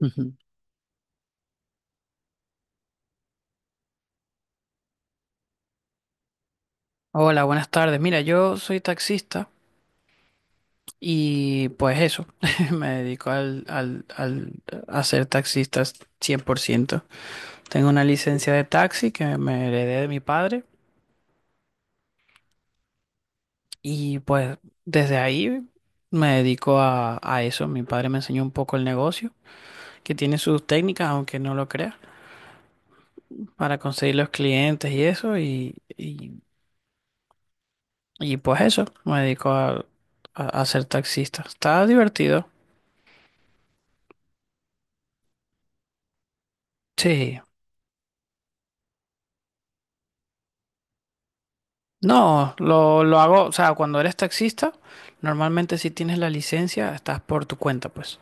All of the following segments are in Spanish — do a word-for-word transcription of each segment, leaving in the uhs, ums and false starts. Ujú. Hola, buenas tardes. Mira, yo soy taxista y pues eso, me dedico al, al, al- a ser taxista cien por ciento. Tengo una licencia de taxi que me heredé de mi padre y pues desde ahí me dedico a, a eso. Mi padre me enseñó un poco el negocio, que tiene sus técnicas, aunque no lo creas, para conseguir los clientes y eso y, y, y pues eso, me dedico a, a, a ser taxista. Está divertido. Sí. No, lo, lo hago, o sea, cuando eres taxista, normalmente si tienes la licencia, estás por tu cuenta, pues.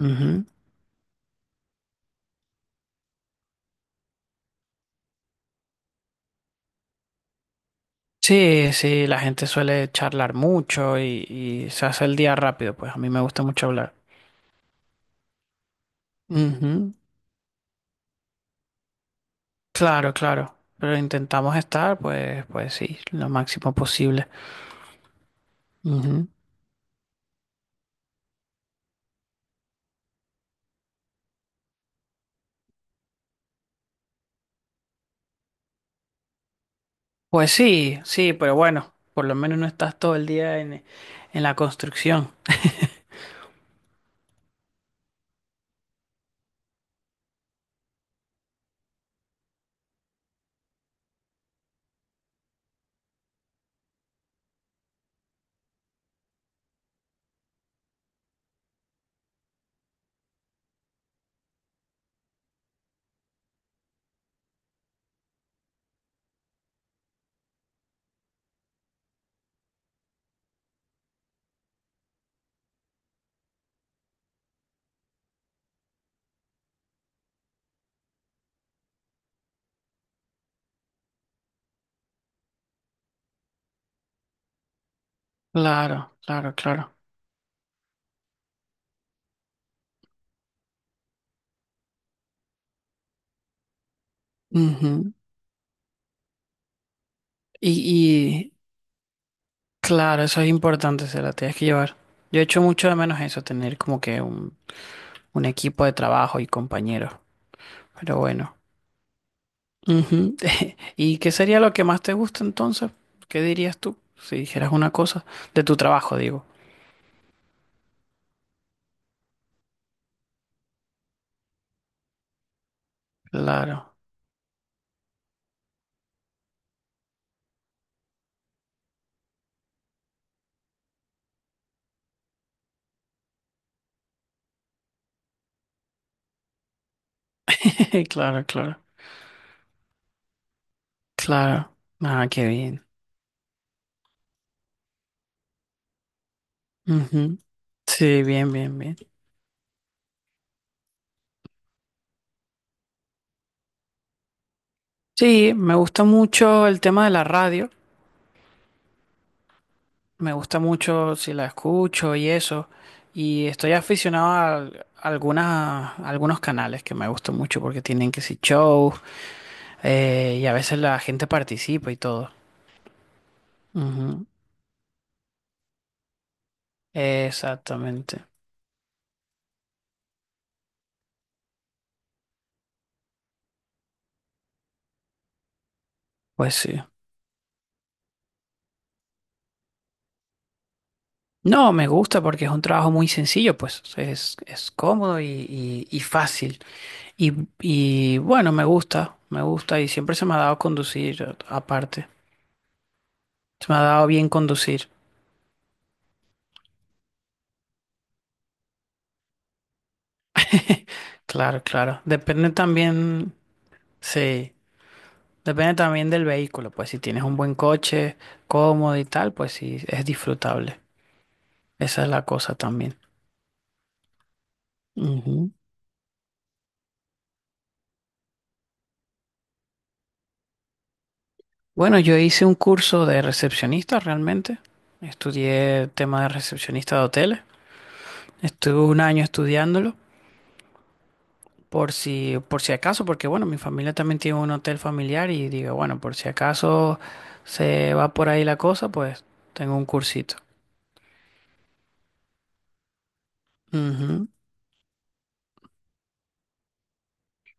Ujú. Sí, sí, la gente suele charlar mucho y, y se hace el día rápido, pues a mí me gusta mucho hablar. Ujú. Claro, claro, pero intentamos estar, pues, pues sí, lo máximo posible. Ujú. Pues sí, sí, pero bueno, por lo menos no estás todo el día en, en la construcción. Claro, claro, claro. Ujú. Y, Claro, eso es importante, se la tienes que llevar. Yo echo mucho de menos eso, tener como que un, un equipo de trabajo y compañeros. Pero bueno. Ujú. ¿Y qué sería lo que más te gusta entonces? ¿Qué dirías tú? Si dijeras una cosa de tu trabajo, digo. Claro, claro, claro, claro. Ah, qué bien. Ujú. Sí, bien, bien, bien. Sí, me gusta mucho el tema de la radio. Me gusta mucho si la escucho y eso. Y estoy aficionado a algunas, a algunos canales que me gustan mucho porque tienen que si show eh, y a veces la gente participa y todo. Ujú. Exactamente. Pues sí. No, me gusta porque es un trabajo muy sencillo, pues es, es cómodo y, y- y fácil. Y, y bueno, me gusta, me gusta y siempre se me ha dado conducir aparte. Se me ha dado bien conducir. Claro, claro. Depende también, sí, depende también del vehículo. Pues si tienes un buen coche, cómodo y tal, pues sí, es disfrutable. Esa es la cosa también. Ujú. Bueno, yo hice un curso de recepcionista realmente. Estudié tema de recepcionista de hoteles. Estuve un año estudiándolo por si, por si acaso, porque bueno, mi familia también tiene un hotel familiar y digo, bueno, por si acaso se va por ahí la cosa, pues tengo un cursito. Ujú,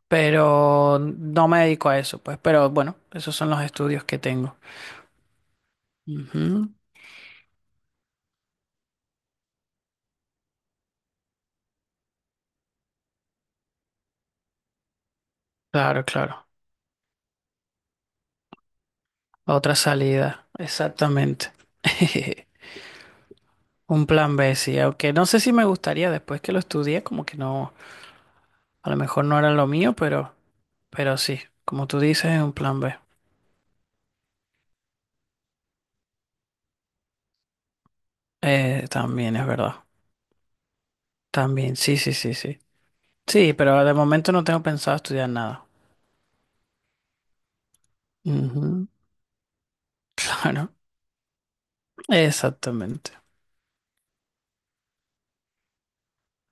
pero no me dedico a eso, pues, pero bueno, esos son los estudios que tengo. Ujú, claro, claro. Otra salida, exactamente. Un plan be, sí, aunque no sé si me gustaría después que lo estudié, como que no, a lo mejor no era lo mío, pero, pero sí, como tú dices, es un plan be. Eh, también es verdad. También, sí, sí, sí, sí. Sí, pero de momento no tengo pensado estudiar nada. Ujú, claro, exactamente.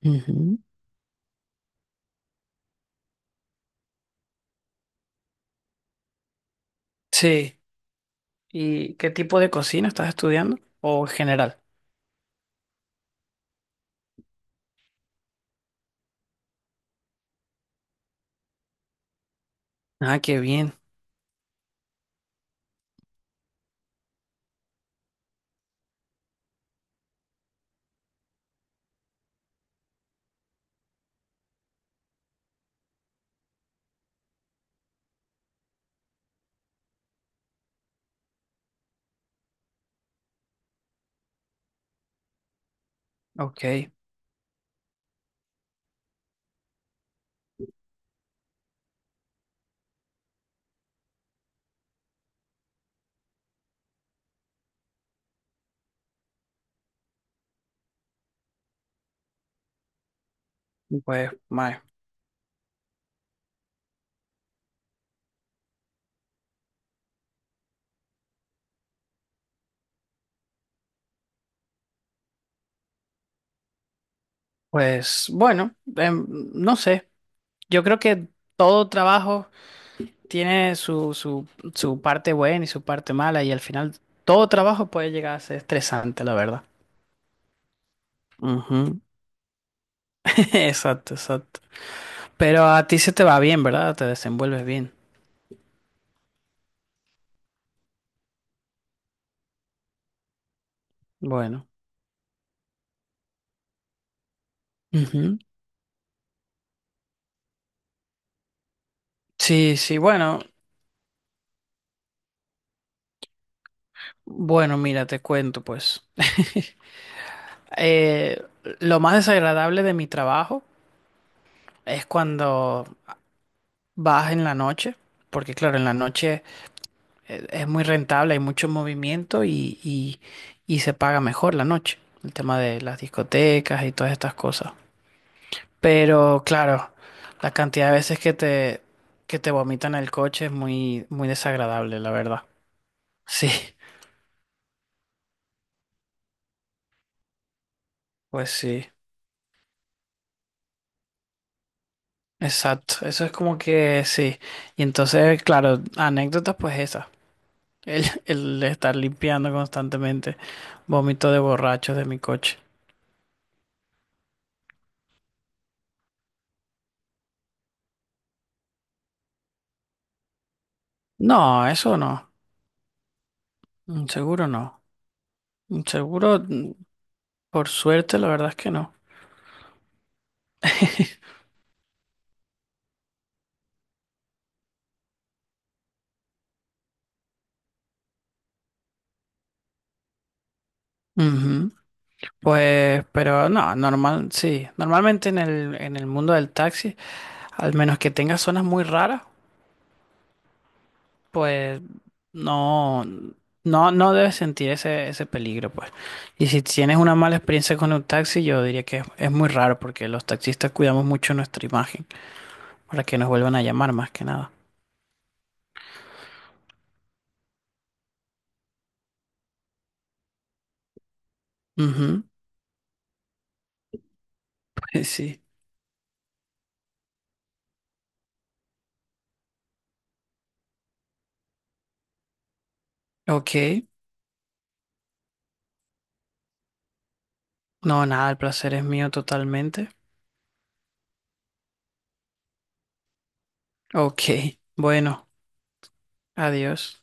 Ujú. Sí. ¿Y qué tipo de cocina estás estudiando? ¿O en general? Ah, qué bien. Ok. Pues, mae, pues bueno, em, no sé. Yo creo que todo trabajo tiene su, su, su parte buena y su parte mala y al final todo trabajo puede llegar a ser estresante, la verdad. Ujú. Exacto, exacto. Pero a ti se te va bien, ¿verdad? Te desenvuelves bien. Bueno. Ujú. Sí, sí, bueno. Bueno, mira, te cuento pues. Eh, lo más desagradable de mi trabajo es cuando vas en la noche, porque claro, en la noche eh, es muy rentable, hay mucho movimiento y, y, y se paga mejor la noche, el tema de las discotecas y todas estas cosas. Pero claro, la cantidad de veces que te, que te vomitan el coche es muy, muy desagradable, la verdad. Sí, pues sí, exacto, eso es como que sí. Y entonces, claro, anécdotas pues esas. El, el estar limpiando constantemente vómito de borrachos de mi coche. No, eso no. Mm, Seguro no. Mm, Seguro, mm, por suerte, la verdad es que no. Ujú. Pues, pero no, normal, sí. Normalmente en el, en el mundo del taxi, al menos que tengas zonas muy raras, pues no, no, no debes sentir ese, ese peligro, pues. Y si tienes una mala experiencia con un taxi, yo diría que es, es muy raro porque los taxistas cuidamos mucho nuestra imagen para que nos vuelvan a llamar más que nada. Ujú, pues sí. Ok. No, nada, el placer es mío totalmente. Ok. Bueno, adiós.